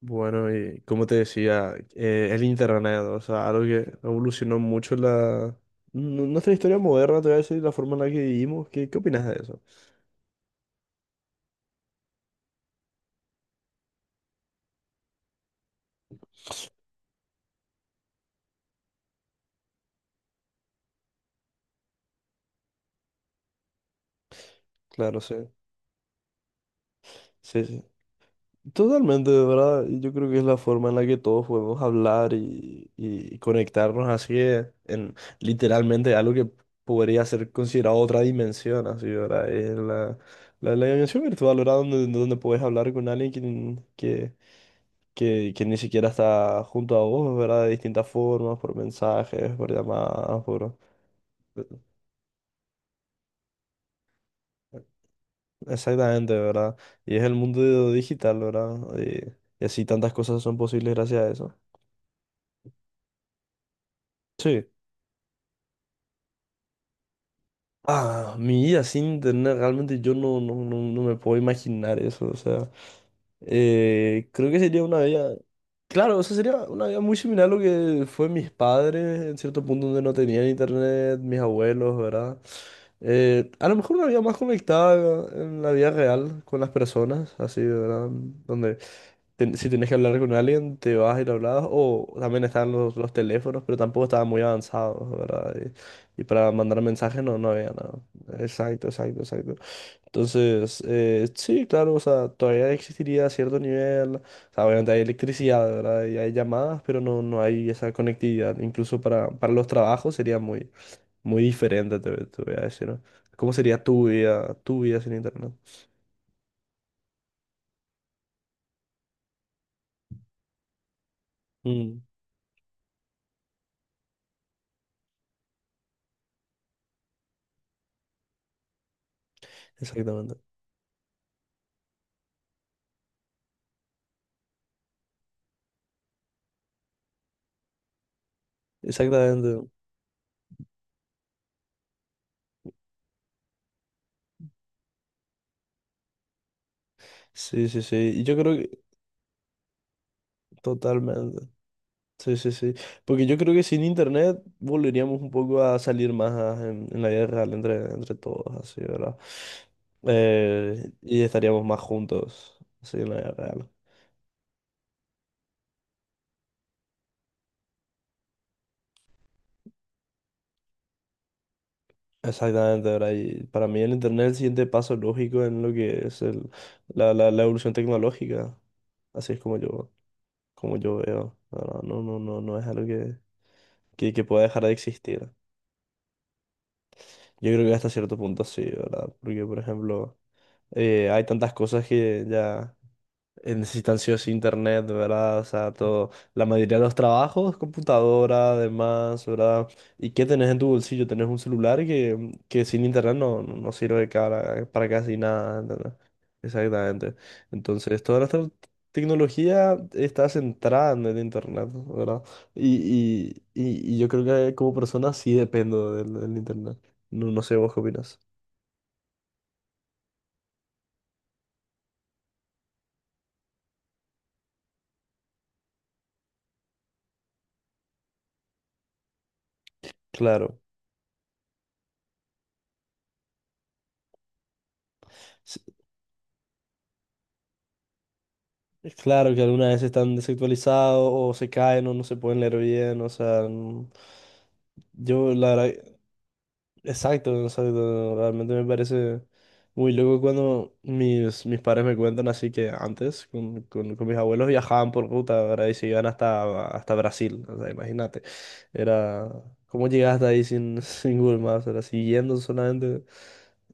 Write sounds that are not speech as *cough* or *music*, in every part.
Bueno, y como te decía, el internet, o sea, algo que evolucionó mucho nuestra historia moderna, te voy a decir, la forma en la que vivimos. ¿Qué, qué opinas de eso? Claro, sí. Sí, sí. Totalmente, de verdad. Yo creo que es la forma en la que todos podemos hablar y conectarnos así en literalmente algo que podría ser considerado otra dimensión, así, ¿verdad? Es la dimensión virtual, ¿verdad? Donde puedes hablar con alguien que ni siquiera está junto a vos, ¿verdad? De distintas formas, por mensajes, por llamadas, por... Exactamente, ¿verdad? Y es el mundo digital, ¿verdad? Y así tantas cosas son posibles gracias a eso. Sí. Ah, mi vida sin internet, realmente yo no me puedo imaginar eso, o sea, creo que sería una vida. Claro, eso sería una vida muy similar a lo que fue mis padres en cierto punto donde no tenían internet, mis abuelos, ¿verdad? A lo mejor una vida más conectada en la vida real con las personas, así, ¿verdad? Donde si tenés que hablar con alguien, te vas y le hablas, o también están los teléfonos, pero tampoco estaban muy avanzados, ¿verdad? Y para mandar mensajes no había nada. Exacto, exacto, exacto. Entonces, sí, claro, o sea, todavía existiría cierto nivel, o sea, obviamente hay electricidad, ¿verdad? Y hay llamadas, pero no hay esa conectividad. Incluso para los trabajos sería muy diferente, te voy a decir, ¿no? ¿Cómo sería tu vida sin internet? Mm, exactamente. Exactamente. Sí, sí, sí. Y yo creo que totalmente. Sí, sí, sí. Porque yo creo que sin internet volveríamos un poco a salir más en la vida real entre todos, así, ¿verdad? Y estaríamos más juntos, así, en la vida real. Exactamente, ¿verdad? Y para mí el internet es el siguiente paso lógico en lo que es la evolución tecnológica. Así es como yo veo, ¿verdad? No es algo que pueda dejar de existir. Yo creo que hasta cierto punto sí, ¿verdad? Porque, por ejemplo, hay tantas cosas que ya... necesitan sí o sí internet, ¿verdad? O sea, todo, la mayoría de los trabajos, computadora, además, ¿verdad? ¿Y qué tenés en tu bolsillo? Tenés un celular que sin internet no sirve para casi nada, ¿entendés? Exactamente. Entonces, toda nuestra tecnología está centrada en el internet, ¿verdad? Y yo creo que como persona sí dependo del internet. No sé vos qué opinas. Claro. Es Claro que algunas veces están desactualizados o se caen o no se pueden leer bien, o sea, yo la verdad, exacto, exacto, realmente me parece muy loco cuando mis padres me cuentan así que antes con mis abuelos viajaban por ruta, ¿verdad? Y se iban hasta Brasil, o sea, imagínate, era, ¿cómo llegaste hasta ahí sin, *laughs* sin Google Maps? Era siguiendo solamente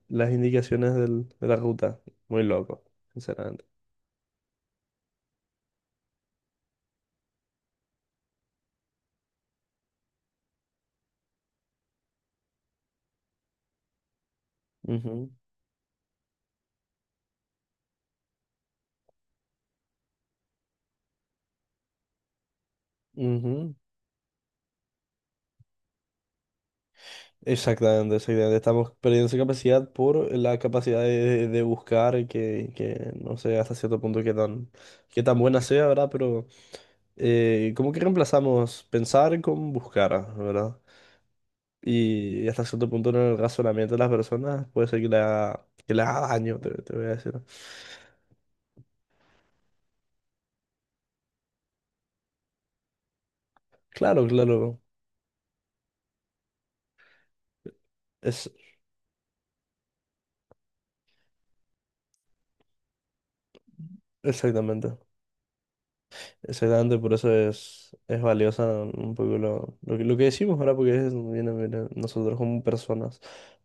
las indicaciones de la ruta, muy loco, sinceramente. Ujú, ujú. Exactamente, exactamente. Estamos perdiendo esa capacidad por la capacidad de buscar que no sé hasta cierto punto qué tan buena sea, ¿verdad? Pero como que reemplazamos pensar con buscar, ¿verdad? Y hasta cierto punto en el razonamiento de las personas puede ser que le haga daño, te voy a decir. Claro, claro. Es exactamente. Exactamente, por eso es valiosa un poco lo que decimos ahora, porque es, viene, viene mira, nosotros como personas.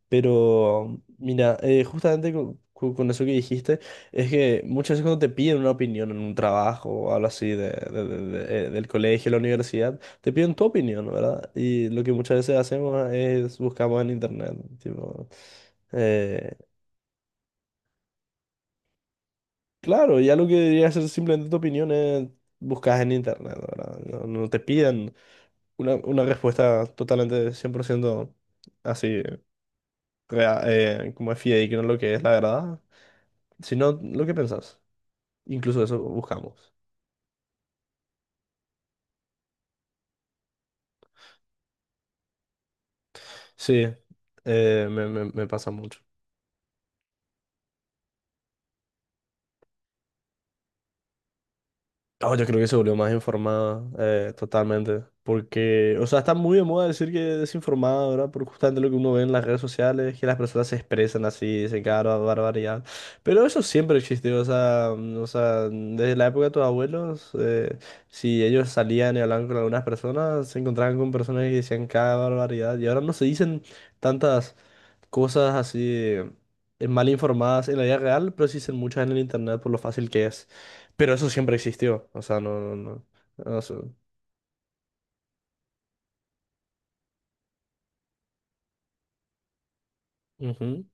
Pero, mira, justamente con eso que dijiste, es que muchas veces cuando te piden una opinión en un trabajo o algo así del colegio, la universidad, te piden tu opinión, ¿verdad? Y lo que muchas veces hacemos es buscamos en internet, tipo, eh, claro, ya lo que debería ser simplemente tu opinión es buscas en internet, ¿verdad? No, no te pidan. Una respuesta totalmente 100% así, como es fidedigno lo que es la verdad, sino lo que pensás. Incluso eso buscamos. Sí, me pasa mucho. Oh, yo creo que se volvió más informada, totalmente. Porque, o sea, está muy de moda decir que desinformada, ¿verdad? Por justamente lo que uno ve en las redes sociales, que las personas se expresan así, dicen barbaridad. Pero eso siempre existió, o sea, o sea, desde la época de tus abuelos, si ellos salían y hablaban con algunas personas, se encontraban con personas que decían cada barbaridad. Y ahora no se dicen tantas cosas así mal informadas en la vida real, pero sí son muchas en el internet por lo fácil que es. Pero eso siempre existió, o sea, no, no, no. no, o sea, ujú,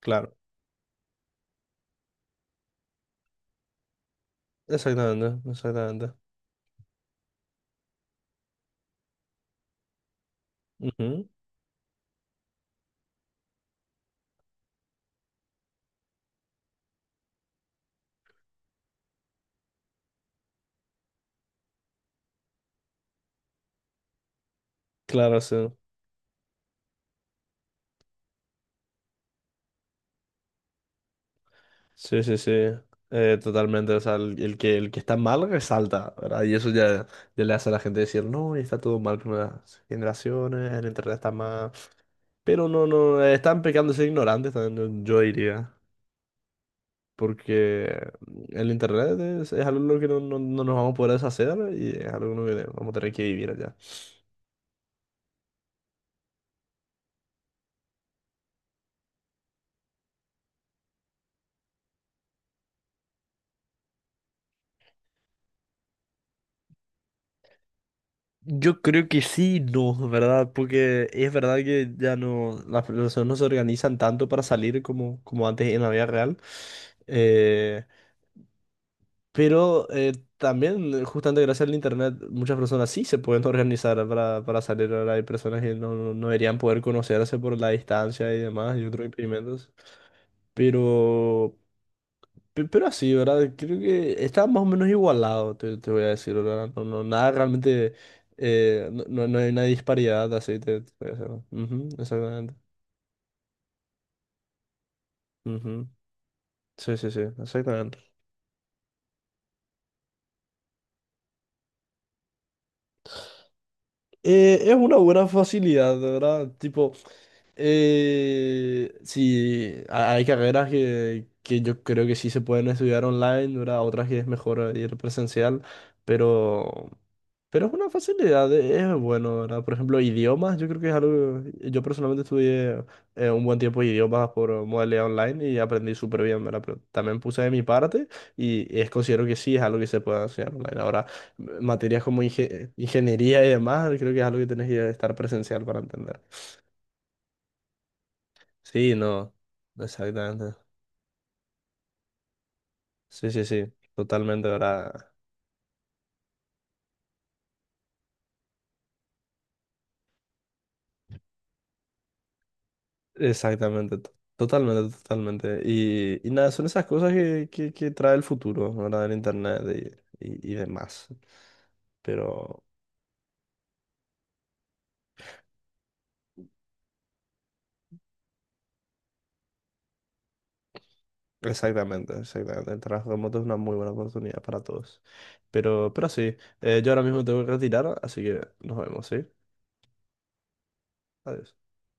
claro, exactamente, exactamente. Ujú, claro, sí. Sí, sí, sí. Totalmente, o sea, el que está mal resalta, ¿verdad? Y eso ya le hace a la gente decir, no, está todo mal con las generaciones, el internet está mal. Pero no, no, están pecando de ser ignorantes también, yo diría. Porque el internet es algo que no nos vamos a poder deshacer y es algo que vamos a tener que vivir allá. Yo creo que sí, no, ¿verdad? Porque es verdad que ya no, las personas no se organizan tanto para salir como antes en la vida real. Eh, justamente gracias al internet, muchas personas sí se pueden *laughs* organizar para salir. Ahora hay personas que no, no no deberían poder conocerse por la distancia y demás y otros impedimentos. Pero. Pero así, ¿verdad? Creo que está más o menos igualado, te voy a decir, ¿verdad? No, nada realmente, no hay una disparidad, así te voy a decir. ¿No? Ujú, exactamente. Ujú. Sí, sí, sí, exactamente. Es una buena facilidad, ¿verdad? Tipo, sí, hay carreras que yo creo que sí se pueden estudiar online, ¿verdad? Otras que es mejor ir presencial, pero, pero es una facilidad, es bueno, ¿verdad? Por ejemplo, idiomas, yo creo que es algo, yo personalmente estudié un buen tiempo de idiomas por modalidad online y aprendí súper bien, ¿verdad? Pero también puse de mi parte y es, considero que sí es algo que se puede hacer online. Ahora, materias como ingeniería y demás, creo que es algo que tenés que estar presencial para entender. Sí, no, exactamente. Sí, sí, sí, totalmente, ¿verdad? Exactamente, totalmente, totalmente. Y nada, son esas cosas que trae el futuro, ¿verdad? El internet y demás. Pero, exactamente, exactamente. El trabajo remoto es una muy buena oportunidad para todos. Pero sí, yo ahora mismo tengo que retirar, así que nos vemos, ¿sí? Adiós.